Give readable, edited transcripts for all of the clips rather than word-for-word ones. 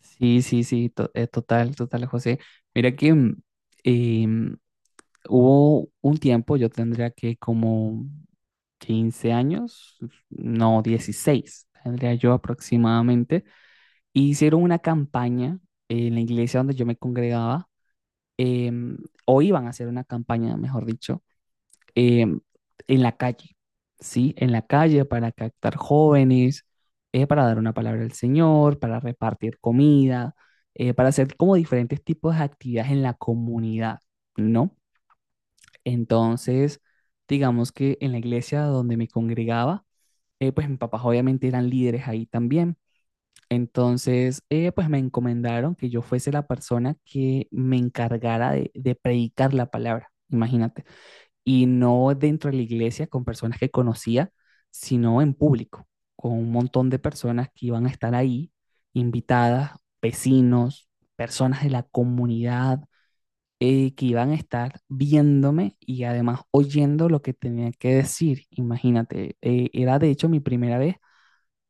Sí, sí, sí, total, total, José. Mira que em, hubo un tiempo, yo tendría que como 15 años, no, 16, tendría yo aproximadamente, y hicieron una campaña en la iglesia donde yo me congregaba, em, o iban a hacer una campaña, mejor dicho, eh, en la calle, ¿sí? En la calle para captar jóvenes, para dar una palabra al Señor, para repartir comida, para hacer como diferentes tipos de actividades en la comunidad, ¿no? Entonces, digamos que en la iglesia donde me congregaba, pues mis papás obviamente eran líderes ahí también. Entonces, pues me encomendaron que yo fuese la persona que me encargara de predicar la palabra, imagínate, y no dentro de la iglesia con personas que conocía, sino en público, con un montón de personas que iban a estar ahí, invitadas, vecinos, personas de la comunidad, que iban a estar viéndome y además oyendo lo que tenía que decir. Imagínate, era de hecho mi primera vez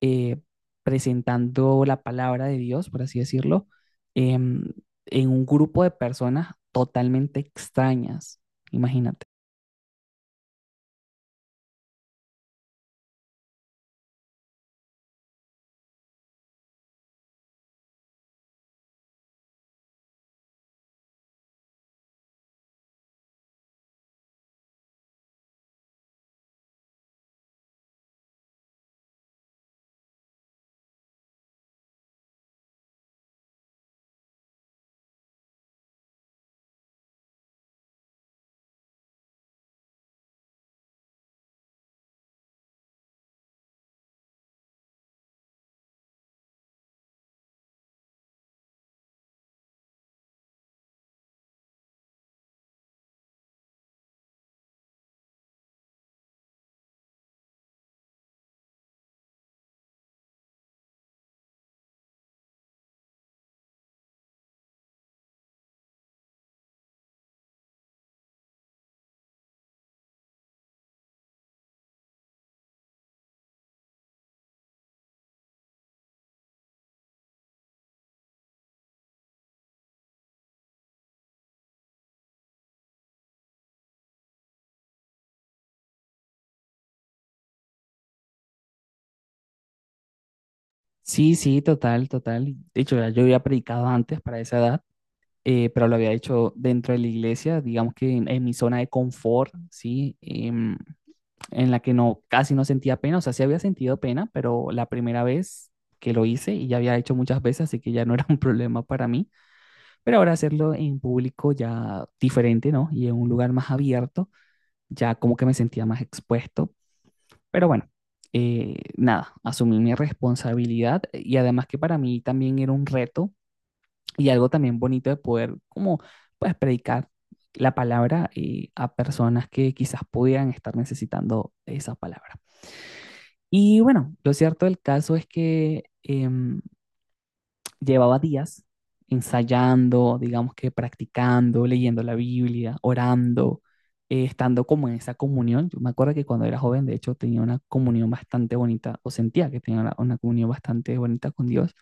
eh, presentando la palabra de Dios, por así decirlo, em, en un grupo de personas totalmente extrañas. Imagínate. Sí, sí, total, total. De hecho, ya yo había predicado antes para esa edad, pero lo había hecho dentro de la iglesia, digamos que en mi zona de confort, ¿sí? En la que no, casi no sentía pena, o sea, sí había sentido pena, pero la primera vez que lo hice y ya había hecho muchas veces, así que ya no era un problema para mí, pero ahora hacerlo en público ya diferente, ¿no? Y en un lugar más abierto, ya como que me sentía más expuesto, pero bueno, nada, asumí mi responsabilidad, y además que para mí también era un reto y algo también bonito de poder como pues predicar la palabra, a personas que quizás pudieran estar necesitando esa palabra. Y bueno, lo cierto del caso es que llevaba días ensayando, digamos que practicando, leyendo la Biblia, orando, estando como en esa comunión. Yo me acuerdo que cuando era joven, de hecho, tenía una comunión bastante bonita, o sentía que tenía una comunión bastante bonita con Dios.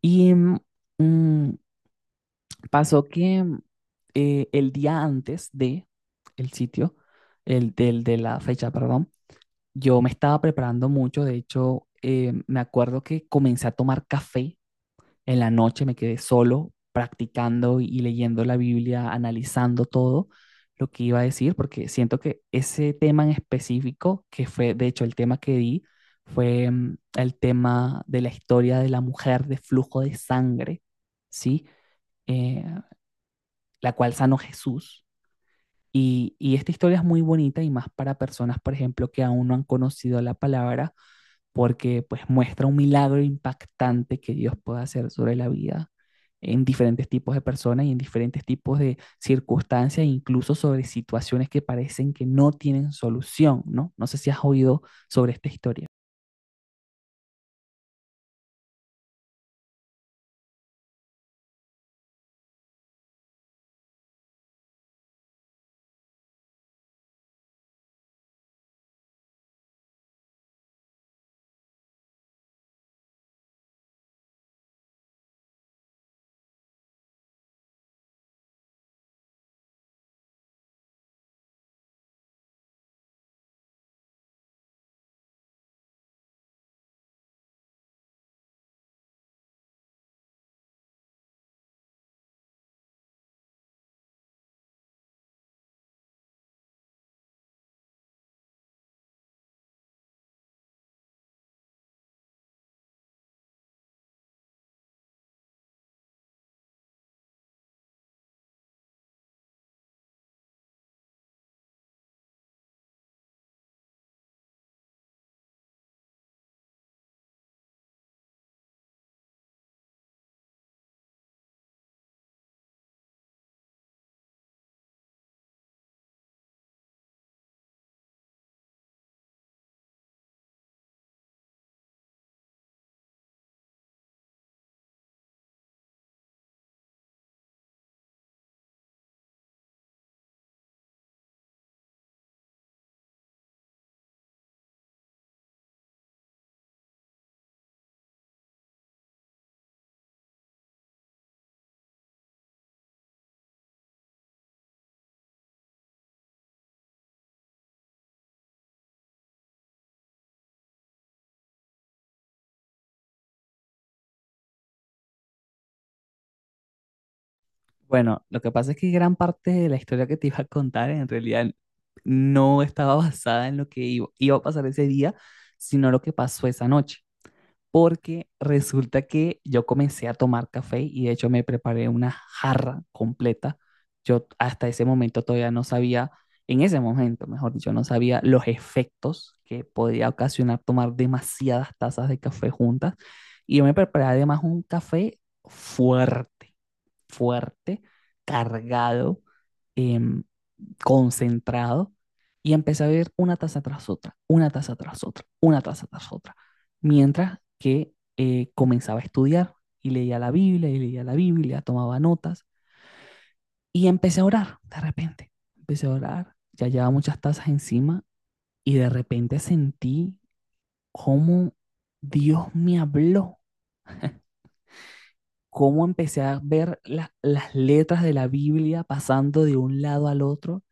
Y mm, pasó que el día antes de el sitio, el de la fecha, perdón, yo me estaba preparando mucho, de hecho, me acuerdo que comencé a tomar café en la noche, me quedé solo practicando y leyendo la Biblia, analizando todo lo que iba a decir, porque siento que ese tema en específico, que fue de hecho el tema que di, fue, el tema de la historia de la mujer de flujo de sangre, ¿sí? Eh, la cual sanó Jesús. Y esta historia es muy bonita y más para personas, por ejemplo, que aún no han conocido la palabra porque pues muestra un milagro impactante que Dios puede hacer sobre la vida en diferentes tipos de personas y en diferentes tipos de circunstancias, incluso sobre situaciones que parecen que no tienen solución, ¿no? No sé si has oído sobre esta historia. Bueno, lo que pasa es que gran parte de la historia que te iba a contar en realidad no estaba basada en lo que iba a pasar ese día, sino lo que pasó esa noche, porque resulta que yo comencé a tomar café y de hecho me preparé una jarra completa. Yo hasta ese momento todavía no sabía, en ese momento, mejor dicho, no sabía los efectos que podía ocasionar tomar demasiadas tazas de café juntas. Y yo me preparé además un café fuerte, fuerte, cargado, em, concentrado. Y empecé a beber una taza tras otra, una taza tras otra, una taza tras otra, mientras que comenzaba a estudiar y leía la Biblia y leía la Biblia, tomaba notas, y empecé a orar de repente. Empecé a orar, ya llevaba muchas tazas encima y de repente sentí cómo Dios me habló, cómo empecé a ver las letras de la Biblia pasando de un lado al otro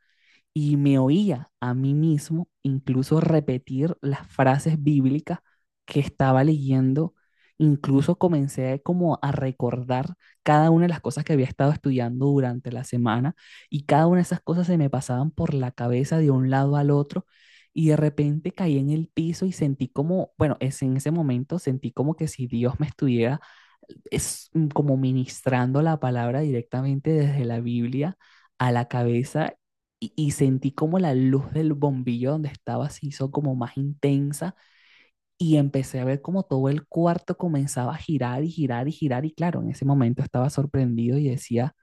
y me oía a mí mismo incluso repetir las frases bíblicas que estaba leyendo, incluso comencé como a recordar cada una de las cosas que había estado estudiando durante la semana y cada una de esas cosas se me pasaban por la cabeza de un lado al otro y de repente caí en el piso y sentí como, bueno, es en ese momento sentí como que si Dios me estuviera, es como ministrando la palabra directamente desde la Biblia a la cabeza. Y, y sentí como la luz del bombillo donde estaba se hizo como más intensa y empecé a ver como todo el cuarto comenzaba a girar y girar y girar, y claro, en ese momento estaba sorprendido y decía,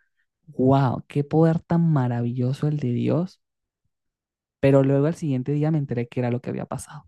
wow, qué poder tan maravilloso el de Dios, pero luego al siguiente día me enteré que era lo que había pasado.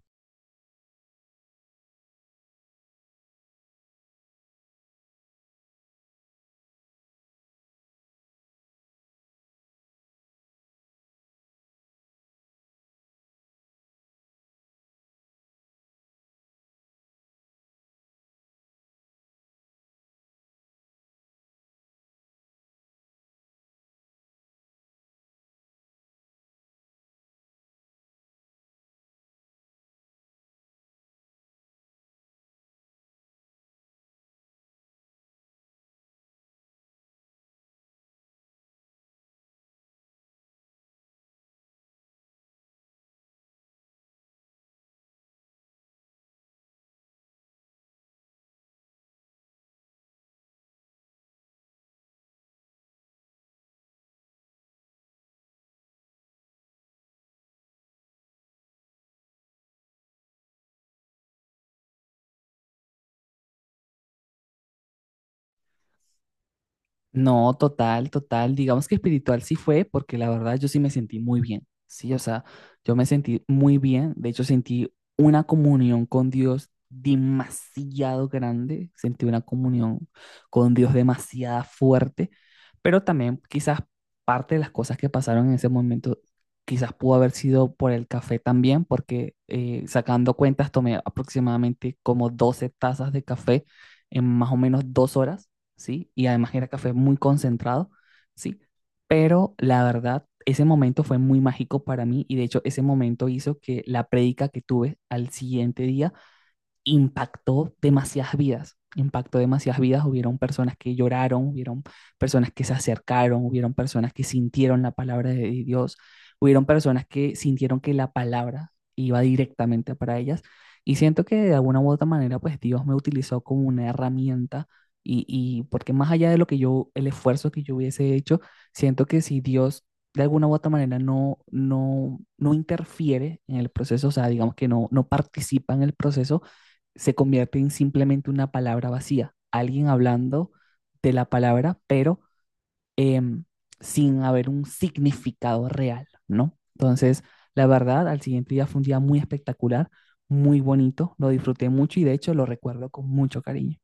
No, total, total. Digamos que espiritual sí fue, porque la verdad yo sí me sentí muy bien. Sí, o sea, yo me sentí muy bien. De hecho, sentí una comunión con Dios demasiado grande. Sentí una comunión con Dios demasiado fuerte. Pero también quizás parte de las cosas que pasaron en ese momento, quizás pudo haber sido por el café también, porque, sacando cuentas tomé aproximadamente como 12 tazas de café en más o menos 2 horas. ¿Sí? Y además era café muy concentrado, ¿sí? Pero la verdad, ese momento fue muy mágico para mí y de hecho ese momento hizo que la prédica que tuve al siguiente día impactó demasiadas vidas, hubieron personas que lloraron, hubieron personas que se acercaron, hubieron personas que sintieron la palabra de Dios, hubieron personas que sintieron que la palabra iba directamente para ellas y siento que de alguna u otra manera pues Dios me utilizó como una herramienta, y porque más allá de lo que yo, el esfuerzo que yo hubiese hecho, siento que si Dios de alguna u otra manera no, no interfiere en el proceso, o sea, digamos que no, no participa en el proceso, se convierte en simplemente una palabra vacía, alguien hablando de la palabra, pero em, sin haber un significado real, ¿no? Entonces, la verdad, al siguiente día fue un día muy espectacular, muy bonito, lo disfruté mucho y de hecho lo recuerdo con mucho cariño.